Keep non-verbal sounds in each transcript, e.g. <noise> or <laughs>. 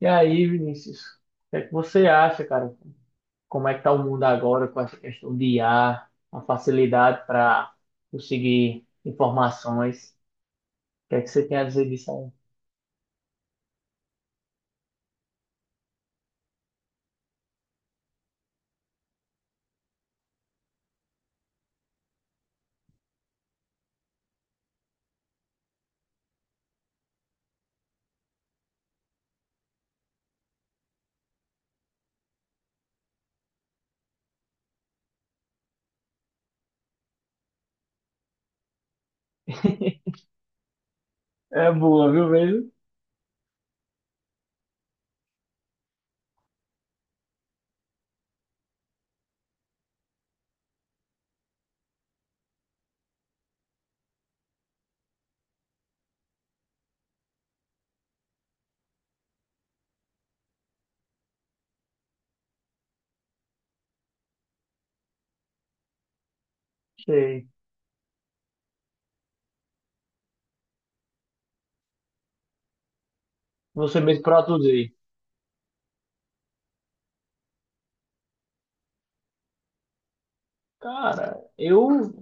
E aí, Vinícius, o que é que você acha, cara? Como é que tá o mundo agora com essa questão de IA, a facilidade para conseguir informações? O que é que você tem a dizer disso aí? <laughs> É boa, viu mesmo? Sei. Você mesmo produzir. Cara, eu,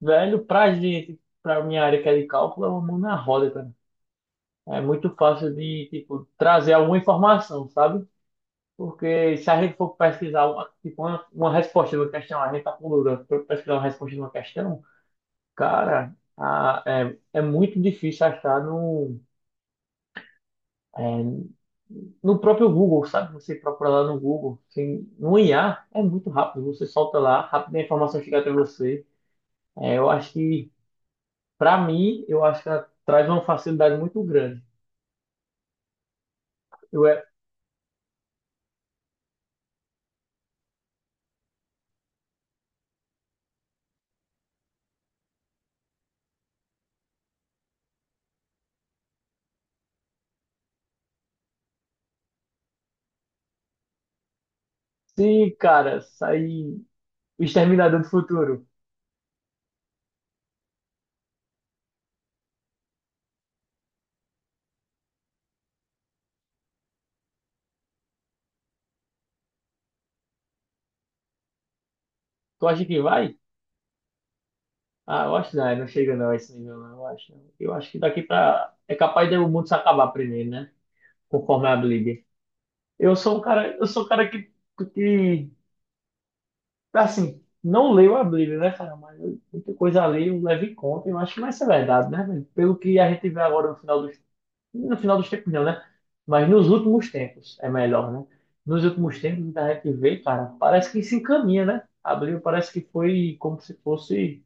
velho, pra gente, pra minha área que é de cálculo, é uma mão na roda, cara. É muito fácil de, tipo, trazer alguma informação, sabe? Porque se a gente for pesquisar uma, tipo, uma resposta de uma questão, a gente está com dúvida para pesquisar uma resposta de uma questão, cara, é, é muito difícil achar é, no próprio Google, sabe? Você procura lá no Google, assim, no IA é muito rápido, você solta lá, rápido a informação chega até você. É, eu acho para mim, eu acho que ela traz uma facilidade muito grande. Eu é, se, cara, sair o Exterminador do Futuro, tu acha que vai? Ah, eu acho que não, é, não chega não a esse nível, não, eu acho. Não. Eu acho que daqui pra. É capaz de o mundo se acabar primeiro, né? Conforme a Bíblia. Eu sou um cara que assim, não leio a Bíblia, né, cara? Mas eu- muita coisa ali eu levo em conta, eu acho que vai ser verdade, né, velho? Pelo que a gente vê agora no final dos. No final dos tempos não, né? Mas nos últimos tempos é melhor, né? Nos últimos tempos que a gente vê, cara, parece que se encaminha, né? A Bíblia parece que foi como se fosse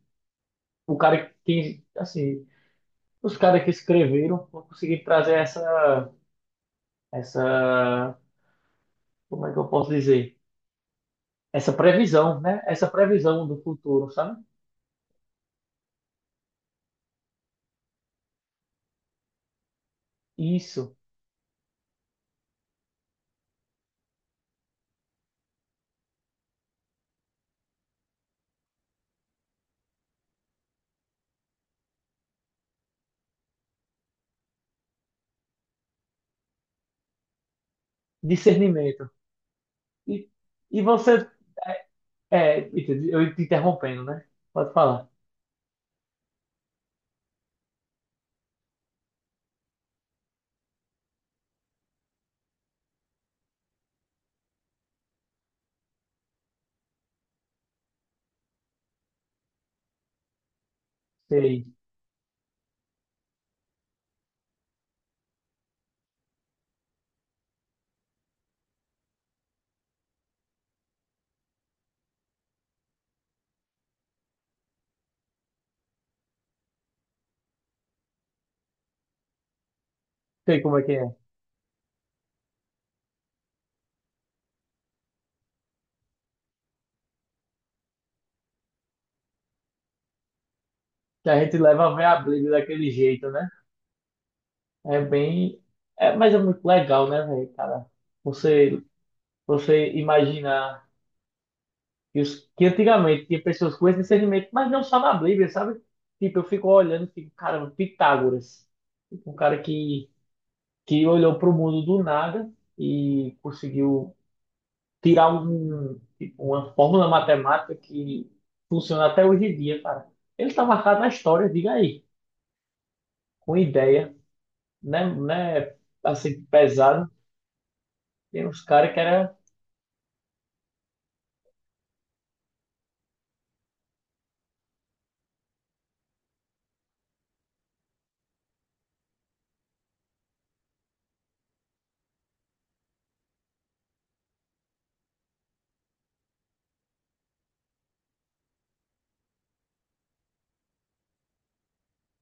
o cara que, assim. Os caras que escreveram não conseguiram trazer essa, como é que eu posso dizer? Essa previsão, né? Essa previsão do futuro, sabe? Isso, discernimento. E, e você, é, é, Peter, eu te interrompendo, né? Pode falar. Sei, sei como é. Que a gente leva a ver a Bíblia daquele jeito, né? É bem. É, mas é muito legal, né, velho, cara? Você você imaginar que, os, que antigamente tinha pessoas com esse discernimento, mas não só na Bíblia, sabe? Tipo, eu fico olhando e fico, caramba, Pitágoras. Tipo, um cara que olhou para o mundo do nada e conseguiu tirar um, tipo, uma fórmula matemática que funciona até hoje em dia, cara. Ele está marcado na história, diga aí, com ideia, né? Né, assim, pesado. Tem uns caras que era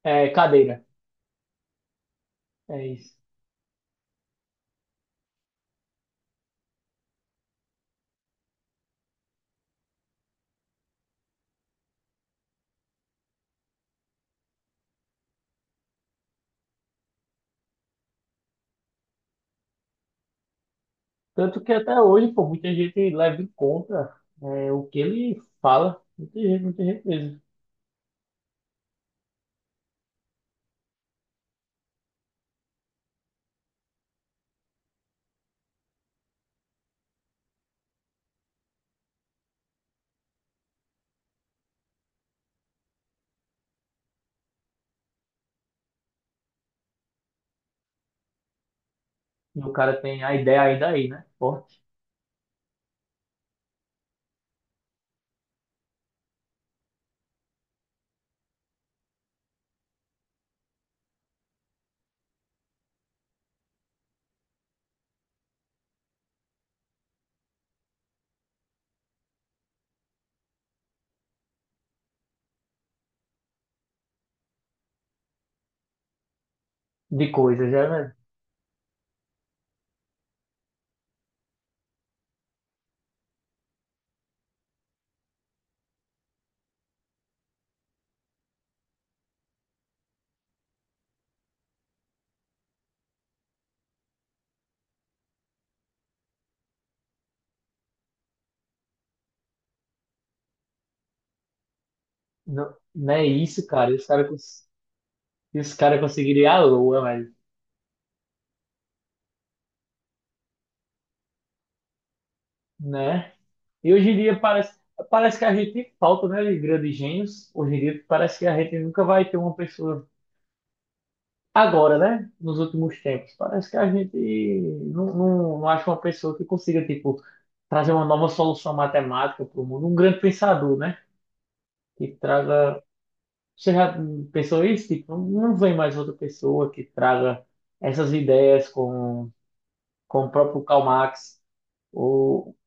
é, cadeira. É isso. Tanto que até hoje, pô, muita gente leva em conta é, o que ele fala. Muita gente mesmo. E o cara tem a ideia ainda aí, né? Forte de coisa, já, velho. Não, não é isso, cara. Esse cara, esse cara conseguiria a lua, velho. Né? E hoje em dia parece, parece que a gente falta, né, de grandes gênios. Hoje em dia parece que a gente nunca vai ter uma pessoa agora, né? Nos últimos tempos, parece que a gente não acha uma pessoa que consiga, tipo, trazer uma nova solução matemática para o mundo, um grande pensador, né? Que traga. Você já pensou isso? Tipo, não vem mais outra pessoa que traga essas ideias com o próprio Karl Marx, ou,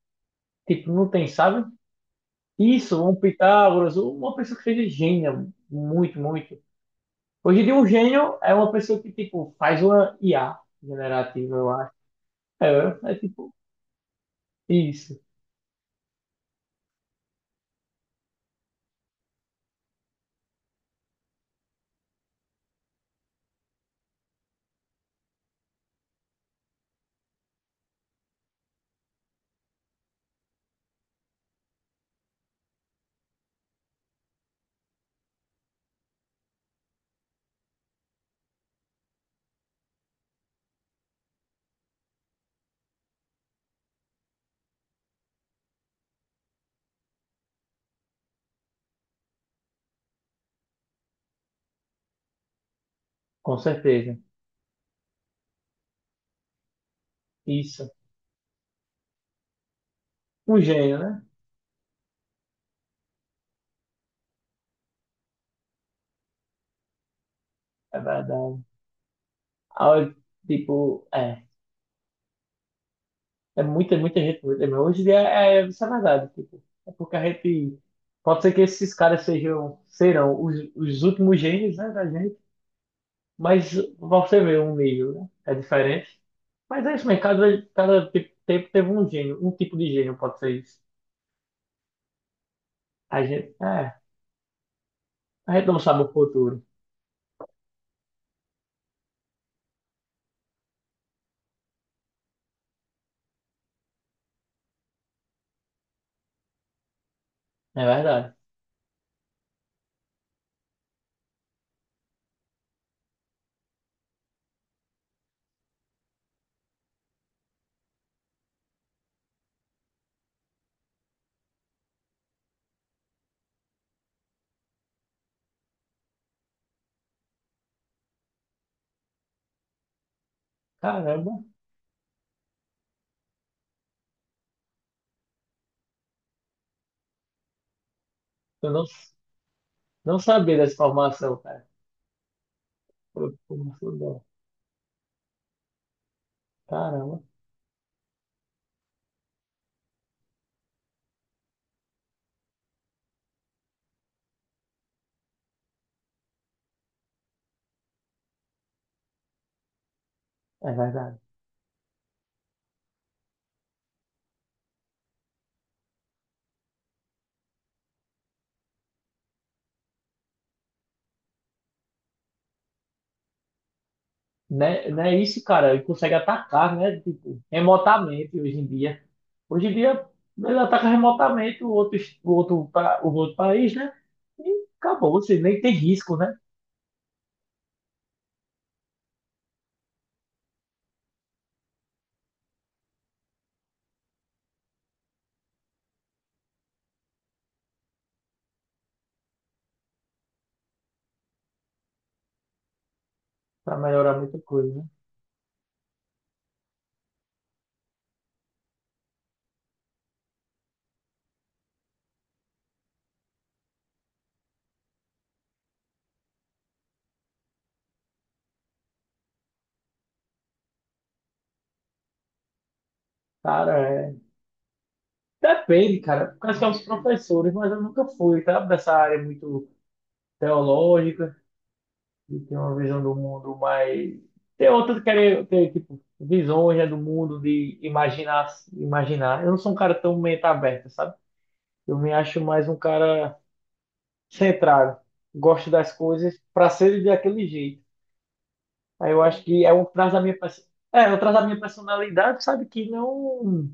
tipo, não tem, sabe? Isso, um Pitágoras, ou uma pessoa que seja gênio, muito, muito. Hoje em dia, um gênio é uma pessoa que, tipo, faz uma IA generativa, é, é tipo, isso, com certeza. Isso. Um gênio, né? É verdade. A hora tipo, é. É muita, muita gente. Muita- mas hoje em dia é, é, isso é verdade. Tipo, é porque a gente. Pode ser que esses caras sejam, serão os últimos gênios, né, da gente, mas você vê um nível, né? É diferente. Mas é isso mesmo, cada te- tempo teve um gênio, um tipo de gênio, pode ser isso. A gente, é, a gente não sabe o futuro. É verdade. Caramba, eu não. Não sabia dessa informação, cara. Pô, informação boa. Caramba, é verdade. Né, né isso, cara, ele consegue atacar, né? Tipo, remotamente hoje em dia. Hoje em dia, ele ataca remotamente o outro, es- o outro, pa- o outro país, né? E acabou, você nem tem risco, né? Pra melhorar muita coisa, né? Cara, é... Depende, cara. Porque são os professores, mas eu nunca fui, tá? Dessa área muito teológica. E tem uma visão do mundo mais. Tem outras que querem ter, tipo, visões, né, do mundo, de imaginar, imaginar. Eu não sou um cara tão mente aberta, sabe? Eu me acho mais um cara centrado. Gosto das coisas para ser daquele jeito. Aí eu acho que é um traz da minha pers- é, eu traz da minha personalidade, sabe,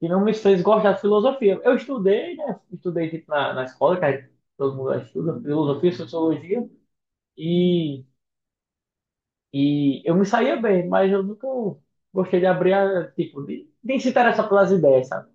que não me fez gostar de filosofia. Eu estudei, né? Estudei tipo, na escola, que aí todo mundo estuda filosofia, sociologia, E e eu me saía bem, mas eu nunca gostei de abrir, a, tipo, de se interessar pelas ideias, sabe?